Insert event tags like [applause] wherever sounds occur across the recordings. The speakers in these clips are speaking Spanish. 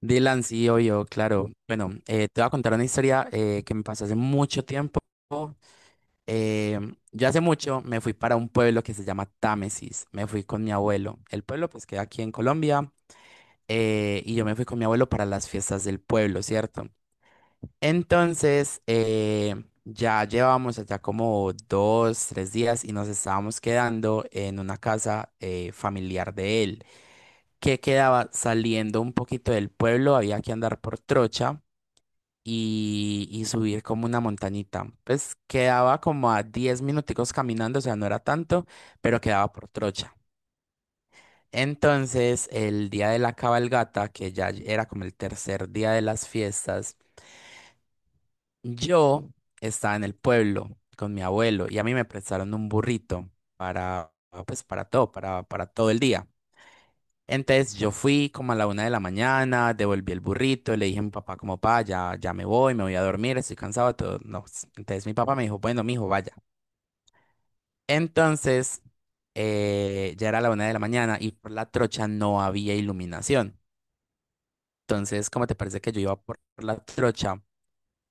Dylan, sí, obvio, claro. Bueno, te voy a contar una historia que me pasó hace mucho tiempo. Eh, yo hace mucho me fui para un pueblo que se llama Támesis. Me fui con mi abuelo. El pueblo pues queda aquí en Colombia y yo me fui con mi abuelo para las fiestas del pueblo, ¿cierto? Entonces, ya llevábamos allá como 2, 3 días y nos estábamos quedando en una casa familiar de él, que quedaba saliendo un poquito del pueblo, había que andar por trocha y subir como una montañita. Pues quedaba como a 10 minuticos caminando, o sea, no era tanto, pero quedaba por trocha. Entonces, el día de la cabalgata, que ya era como el tercer día de las fiestas, yo estaba en el pueblo con mi abuelo y a mí me prestaron un burrito para, pues, para todo, para todo el día. Entonces yo fui como a la 1 de la mañana, devolví el burrito, le dije a mi papá como, pa, ya, ya me voy a dormir, estoy cansado, todo. No, entonces mi papá me dijo, bueno, mijo, vaya. Entonces ya era la 1 de la mañana y por la trocha no había iluminación. Entonces, ¿cómo te parece que yo iba por la trocha?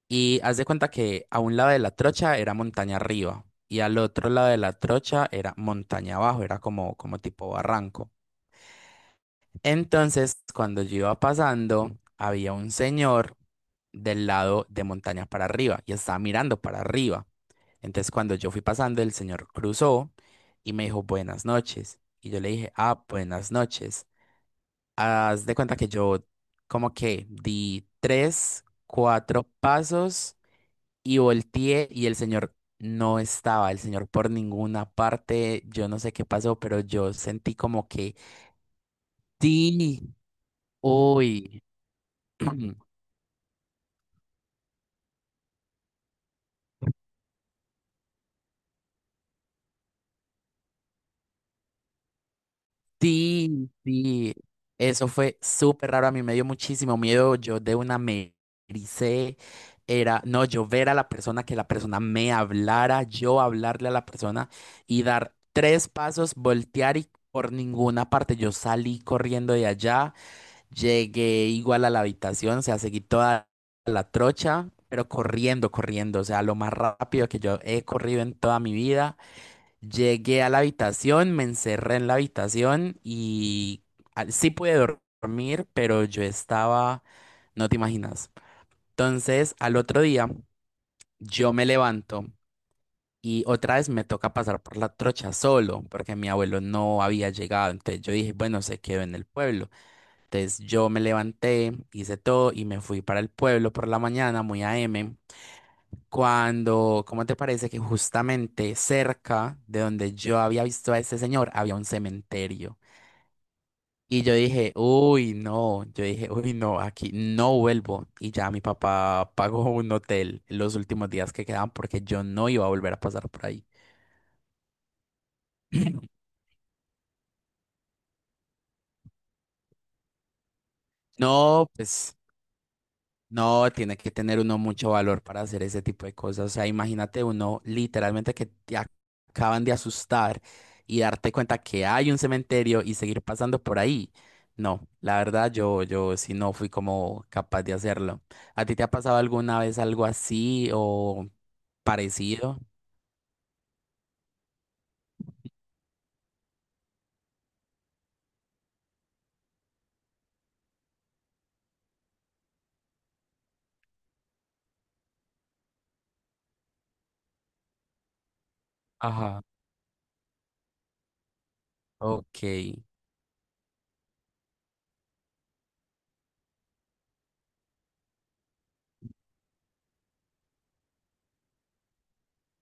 Y haz de cuenta que a un lado de la trocha era montaña arriba y al otro lado de la trocha era montaña abajo, era como tipo barranco. Entonces, cuando yo iba pasando, había un señor del lado de montaña para arriba y estaba mirando para arriba. Entonces, cuando yo fui pasando, el señor cruzó y me dijo buenas noches. Y yo le dije, ah, buenas noches. Haz de cuenta que yo como que di tres, cuatro pasos y volteé y el señor no estaba, el señor por ninguna parte, yo no sé qué pasó, pero yo sentí como que, sí, uy. [clears throat] Sí, sí, eso fue súper raro, a mí me dio muchísimo miedo, yo de una me ericé, era, no, yo ver a la persona, que la persona me hablara, yo hablarle a la persona y dar tres pasos, voltear y por ninguna parte, yo salí corriendo de allá, llegué igual a la habitación, o sea, seguí toda la trocha, pero corriendo, corriendo, o sea, lo más rápido que yo he corrido en toda mi vida. Llegué a la habitación, me encerré en la habitación y ah, sí pude dormir, pero yo estaba, no te imaginas. Entonces, al otro día, yo me levanto y otra vez me toca pasar por la trocha solo, porque mi abuelo no había llegado. Entonces yo dije, bueno, se quedó en el pueblo. Entonces yo me levanté, hice todo y me fui para el pueblo por la mañana, muy a m. Cuando, ¿cómo te parece que justamente cerca de donde yo había visto a este señor había un cementerio? Y yo dije, uy, no, yo dije, uy, no, aquí no vuelvo. Y ya mi papá pagó un hotel los últimos días que quedaban porque yo no iba a volver a pasar por ahí. No, pues. No, tiene que tener uno mucho valor para hacer ese tipo de cosas. O sea, imagínate uno literalmente que te acaban de asustar y darte cuenta que hay un cementerio y seguir pasando por ahí. No, la verdad yo sí no fui como capaz de hacerlo. ¿A ti te ha pasado alguna vez algo así o parecido? Ajá. Ok.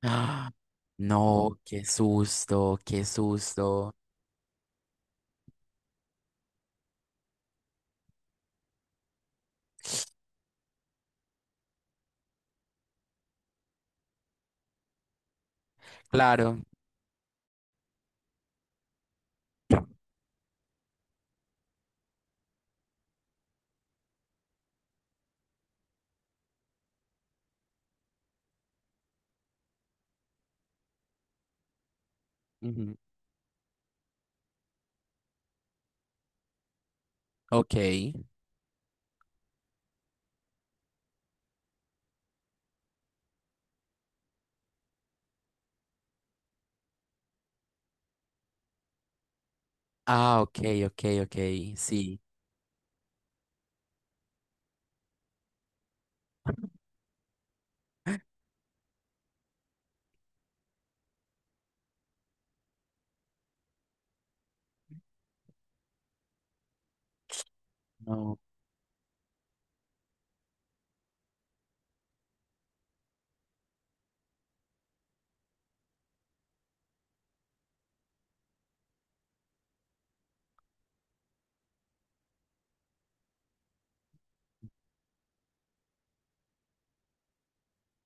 Ah, no, qué susto, qué susto. Claro. Ujú, Ok. Ah, ok, ok, ok. Sí. No.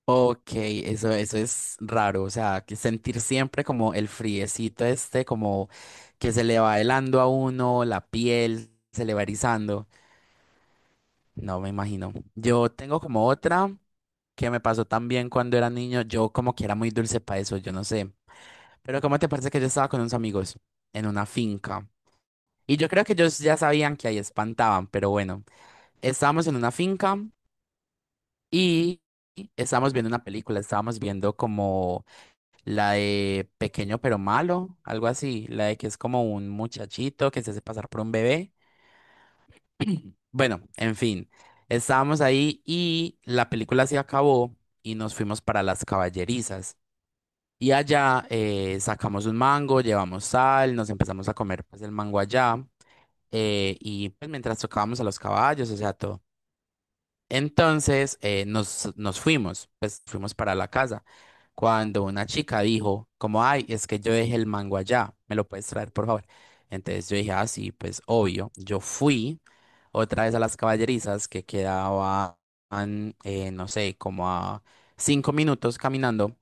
Ok, eso es raro, o sea, que sentir siempre como el friecito este, como que se le va helando a uno, la piel se le va erizando. No me imagino. Yo tengo como otra que me pasó también cuando era niño, yo como que era muy dulce para eso, yo no sé. Pero ¿cómo te parece que yo estaba con unos amigos en una finca? Y yo creo que ellos ya sabían que ahí espantaban, pero bueno, estábamos en una finca y estábamos viendo una película, estábamos viendo la de Pequeño pero Malo, algo así. La de que es como un muchachito que se hace pasar por un bebé. Bueno, en fin, estábamos ahí y la película se acabó y nos fuimos para las caballerizas. Y allá sacamos un mango, llevamos sal, nos empezamos a comer pues el mango allá. Y pues mientras tocábamos a los caballos, o sea, todo. Entonces nos fuimos, pues fuimos para la casa. Cuando una chica dijo, como, ay, es que yo dejé el mango allá, ¿me lo puedes traer, por favor? Entonces yo dije, ah, sí, pues obvio. Yo fui otra vez a las caballerizas que quedaban, no sé, como a 5 minutos caminando.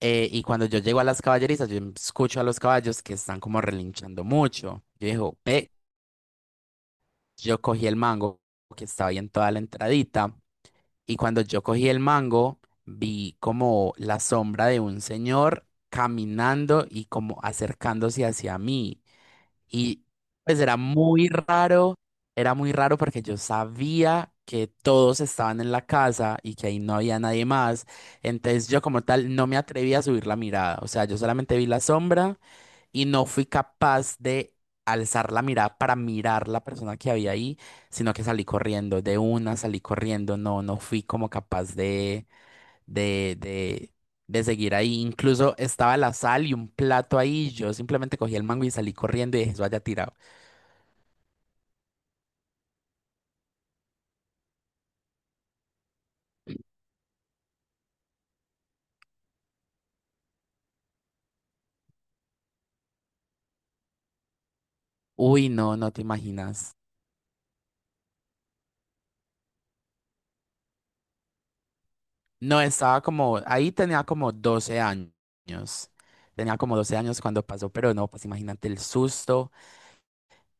Y cuando yo llego a las caballerizas, yo escucho a los caballos que están como relinchando mucho. Yo digo, yo cogí el mango que estaba ahí en toda la entradita. Y cuando yo cogí el mango, vi como la sombra de un señor caminando y como acercándose hacia mí. Y pues era muy raro porque yo sabía que todos estaban en la casa y que ahí no había nadie más. Entonces yo como tal no me atreví a subir la mirada. O sea, yo solamente vi la sombra y no fui capaz de alzar la mirada para mirar la persona que había ahí, sino que salí corriendo, de una salí corriendo, no, no fui como capaz de, de, de, seguir ahí. Incluso estaba la sal y un plato ahí, yo simplemente cogí el mango y salí corriendo y dejé eso allá tirado. Uy, no, no te imaginas. No, estaba como, ahí tenía como 12 años. Tenía como 12 años cuando pasó, pero no, pues imagínate el susto.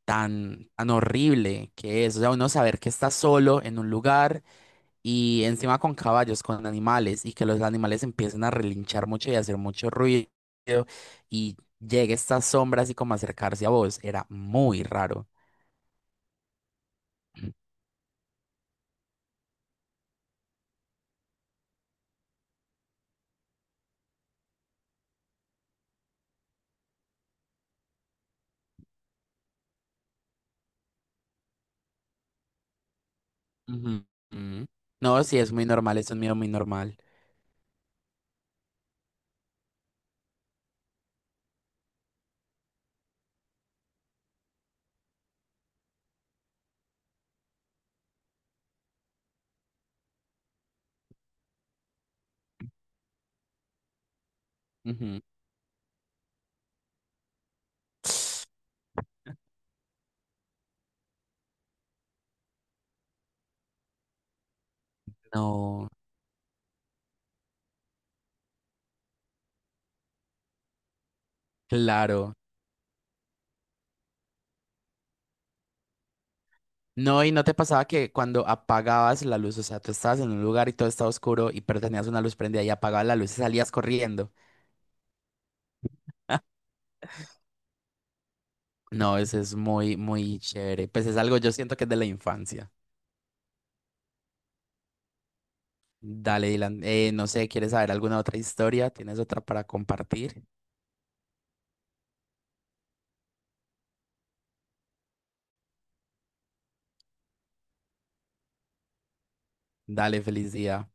Tan, tan horrible que es. O sea, uno saber que está solo en un lugar y encima con caballos, con animales, y que los animales empiecen a relinchar mucho y a hacer mucho ruido y llegue esta sombra así como a acercarse a vos. Era muy raro. Ujú. Ujú. No, sí, es muy normal, es un miedo muy normal. Ujú. No, claro. No, y no te pasaba que cuando apagabas la luz, o sea, tú estabas en un lugar y todo estaba oscuro y pero tenías una luz prendida y apagabas la luz y salías corriendo. No, ese es muy, muy chévere. Pues es algo, yo siento que es de la infancia. Dale, Dylan. No sé, ¿quieres saber alguna otra historia? ¿Tienes otra para compartir? Dale, feliz día.